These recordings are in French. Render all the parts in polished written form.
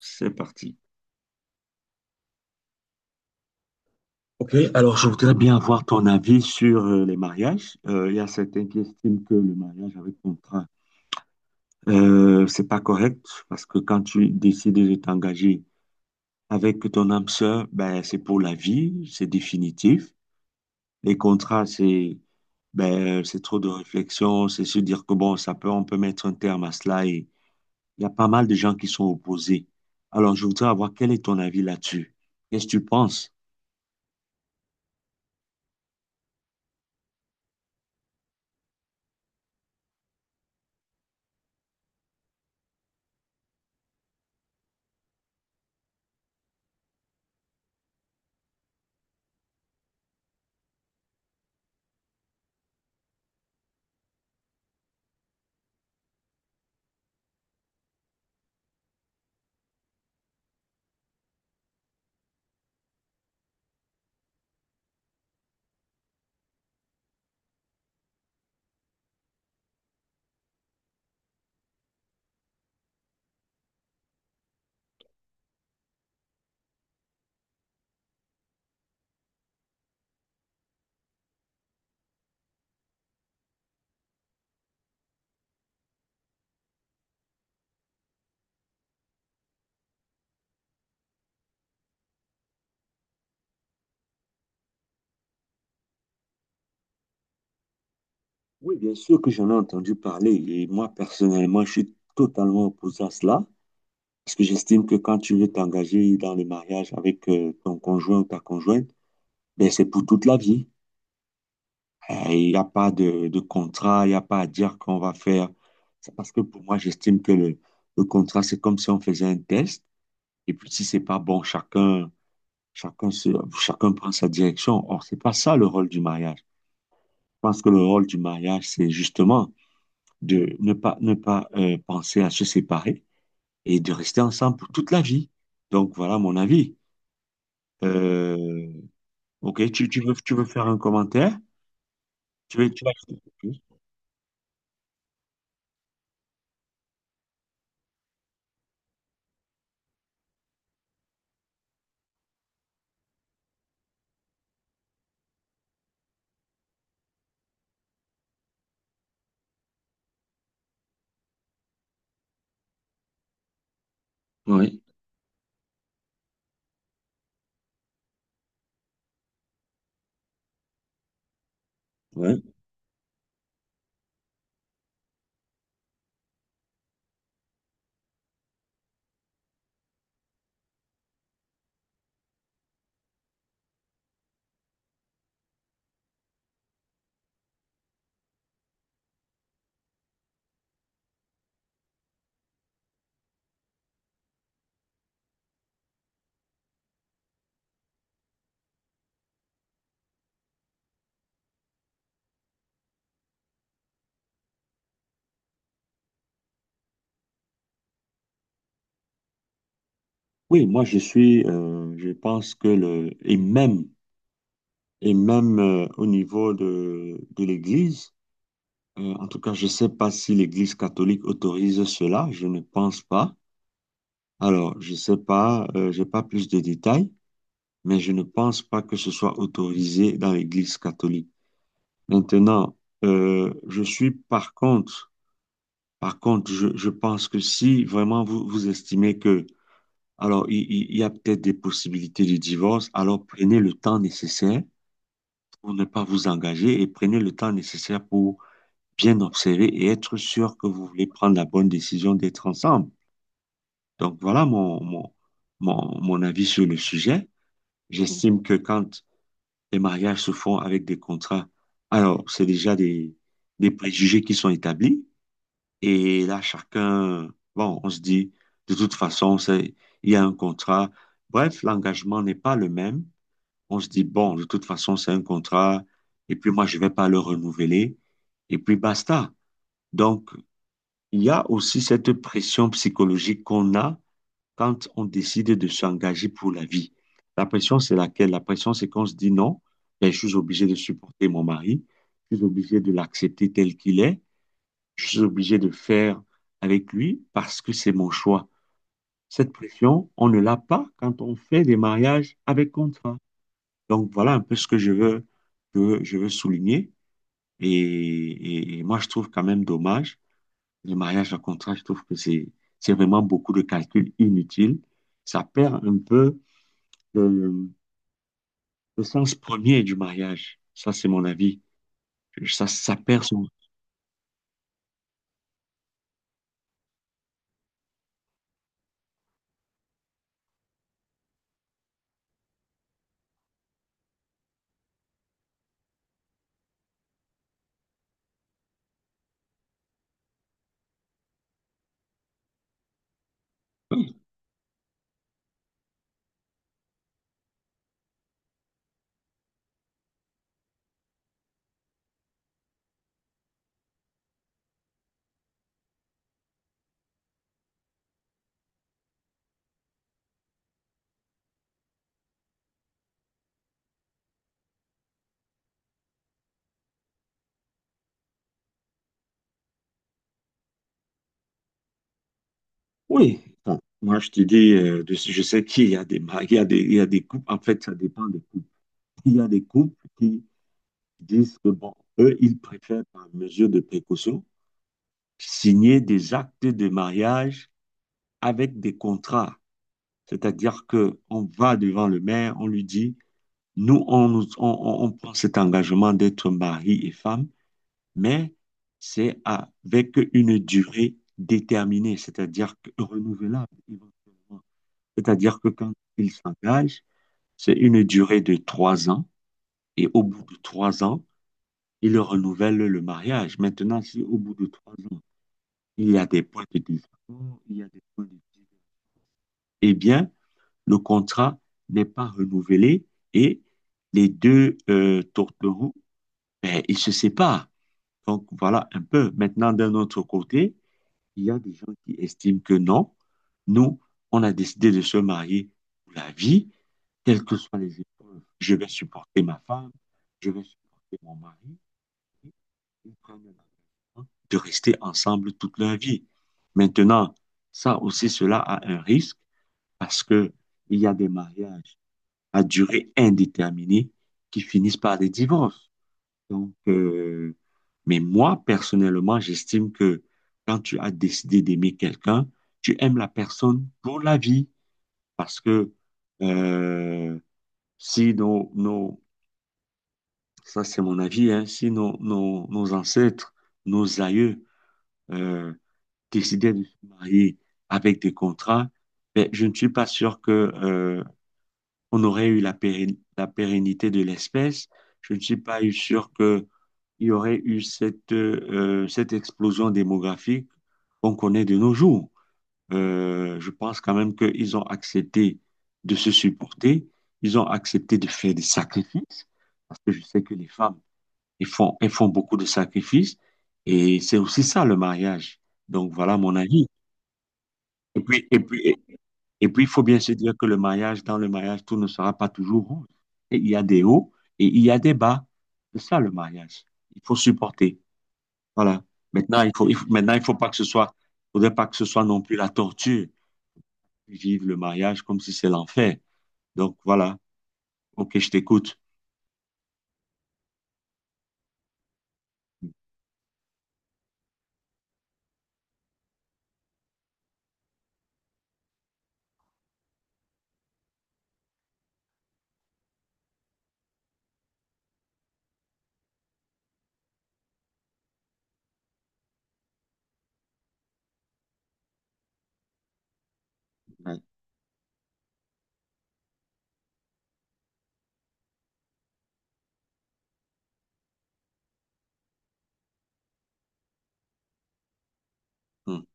C'est parti. Ok, alors je voudrais bien avoir ton avis sur les mariages. Il y a certains qui estiment que le mariage avec contrat, c'est pas correct parce que quand tu décides de t'engager avec ton âme sœur, ben c'est pour la vie, c'est définitif. Les contrats, c'est ben c'est trop de réflexion, c'est se dire que bon, ça peut, on peut mettre un terme à cela et il y a pas mal de gens qui sont opposés. Alors je voudrais avoir quel est ton avis là-dessus? Qu'est-ce que tu penses? Oui, bien sûr que j'en ai entendu parler et moi personnellement, je suis totalement opposé à cela parce que j'estime que quand tu veux t'engager dans le mariage avec ton conjoint ou ta conjointe, ben, c'est pour toute la vie. Il n'y a pas de contrat, il n'y a pas à dire qu'on va faire. C'est parce que pour moi, j'estime que le contrat, c'est comme si on faisait un test et puis si c'est pas bon, chacun, se, chacun prend sa direction. Or, c'est pas ça le rôle du mariage. Je pense que le rôle du mariage, c'est justement de ne pas penser à se séparer et de rester ensemble pour toute la vie. Donc voilà mon avis. Euh, ok, tu veux faire un commentaire? Tu veux, tu vas dire quelque chose. Oui. Ouais. Oui, moi je suis, je pense que et même au niveau de l'Église, en tout cas, je ne sais pas si l'Église catholique autorise cela, je ne pense pas. Alors, je ne sais pas, j'ai pas plus de détails. Mais je ne pense pas que ce soit autorisé dans l'Église catholique. Maintenant, je suis par contre, je pense que si vraiment vous estimez que, alors, il y a peut-être des possibilités de divorce, alors prenez le temps nécessaire pour ne pas vous engager et prenez le temps nécessaire pour bien observer et être sûr que vous voulez prendre la bonne décision d'être ensemble. Donc voilà mon avis sur le sujet. J'estime que quand les mariages se font avec des contrats. Alors, c'est déjà des préjugés qui sont établis. Et là, chacun, bon, on se dit, de toute façon, il y a un contrat. Bref, l'engagement n'est pas le même. On se dit, bon, de toute façon, c'est un contrat. Et puis moi, je vais pas le renouveler. Et puis basta. Donc, il y a aussi cette pression psychologique qu'on a quand on décide de s'engager pour la vie. La pression, c'est laquelle? La pression, c'est qu'on se dit non, ben, je suis obligé de supporter mon mari, je suis obligé de l'accepter tel qu'il est, je suis obligé de faire avec lui parce que c'est mon choix. Cette pression, on ne l'a pas quand on fait des mariages avec contrat. Donc voilà un peu ce que que je veux souligner. Et, et moi, je trouve quand même dommage les mariages à contrat. Je trouve que c'est vraiment beaucoup de calculs inutiles. Ça perd un peu le, le sens premier du mariage. Ça, c'est mon avis. Ça perd son... Oui, bon, moi, je te dis, je sais qu'il y a des mari- il y a des, il y a des couples, en fait, ça dépend des couples. Il y a des couples qui disent que, bon, eux, ils préfèrent, par mesure de précaution, signer des actes de mariage avec des contrats. C'est-à-dire que on va devant le maire, on lui dit, nous, on prend cet engagement d'être mari et femme mais c'est avec une durée déterminée, c'est-à-dire que renouvelable éventuellement. C'est-à-dire que quand il s'engage, c'est une durée de 3 ans et au bout de 3 ans, il renouvelle le mariage. Maintenant, si au bout de 3 ans, il y a des points de désaccord, il y a des points de divergence, eh bien, le contrat n'est pas renouvelé et les deux tourtereaux, ben, ils se séparent. Donc, voilà un peu. Maintenant, d'un autre côté, il y a des gens qui estiment que non, nous, on a décidé de se marier pour la vie, quelles que soient les épreuves. Je vais supporter ma femme, je vais supporter mon mari. Et ils prennent l'engagement de rester ensemble toute leur vie. Maintenant, ça aussi, cela a un risque parce que il y a des mariages à durée indéterminée qui finissent par des divorces. Donc, mais moi, personnellement, j'estime que quand tu as décidé d'aimer quelqu'un, tu aimes la personne pour la vie. Parce que euh, si nos, nos- ça c'est mon avis, hein, si nos ancêtres, nos aïeux euh, décidaient de se marier avec des contrats, ben, je ne suis pas sûr que on aurait eu la la pérennité de l'espèce. Je ne suis pas eu sûr que il y aurait eu cette, cette explosion démographique qu'on connaît de nos jours. Je pense quand même qu'ils ont accepté de se supporter, ils ont accepté de faire des sacrifices, parce que je sais que les femmes, elles font beaucoup de sacrifices, et c'est aussi ça le mariage. Donc voilà mon avis. Et puis, et puis, il faut bien se dire que dans le mariage, tout ne sera pas toujours rose. Et il y a des hauts et il y a des bas. C'est ça le mariage. Il faut supporter. Voilà. Maintenant, maintenant, il faut pas que ce soit, faudrait pas que ce soit non plus la torture. Vivre le mariage comme si c'est l'enfer. Donc, voilà. OK, je t'écoute. Ouais. Hum,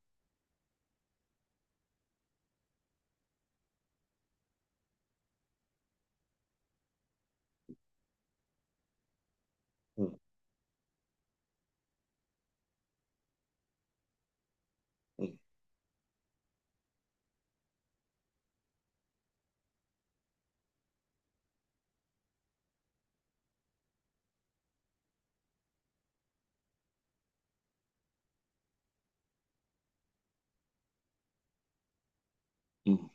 hum, hum, hum.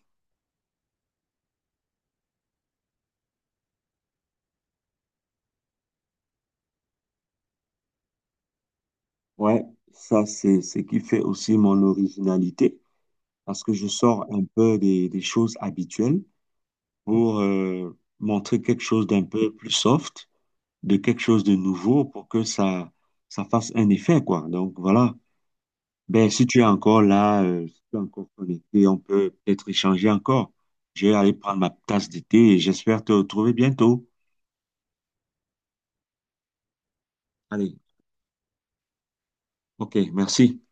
Ouais, ça, c'est ce qui fait aussi mon originalité, parce que je sors un peu des choses habituelles pour montrer quelque chose d'un peu plus soft, de quelque chose de nouveau pour que ça fasse un effet, quoi. Donc, voilà. Ben, si tu es encore là, si tu es encore connecté, on peut peut-être échanger encore. Je vais aller prendre ma tasse d'été. Et j'espère te retrouver bientôt. Allez, ok, merci.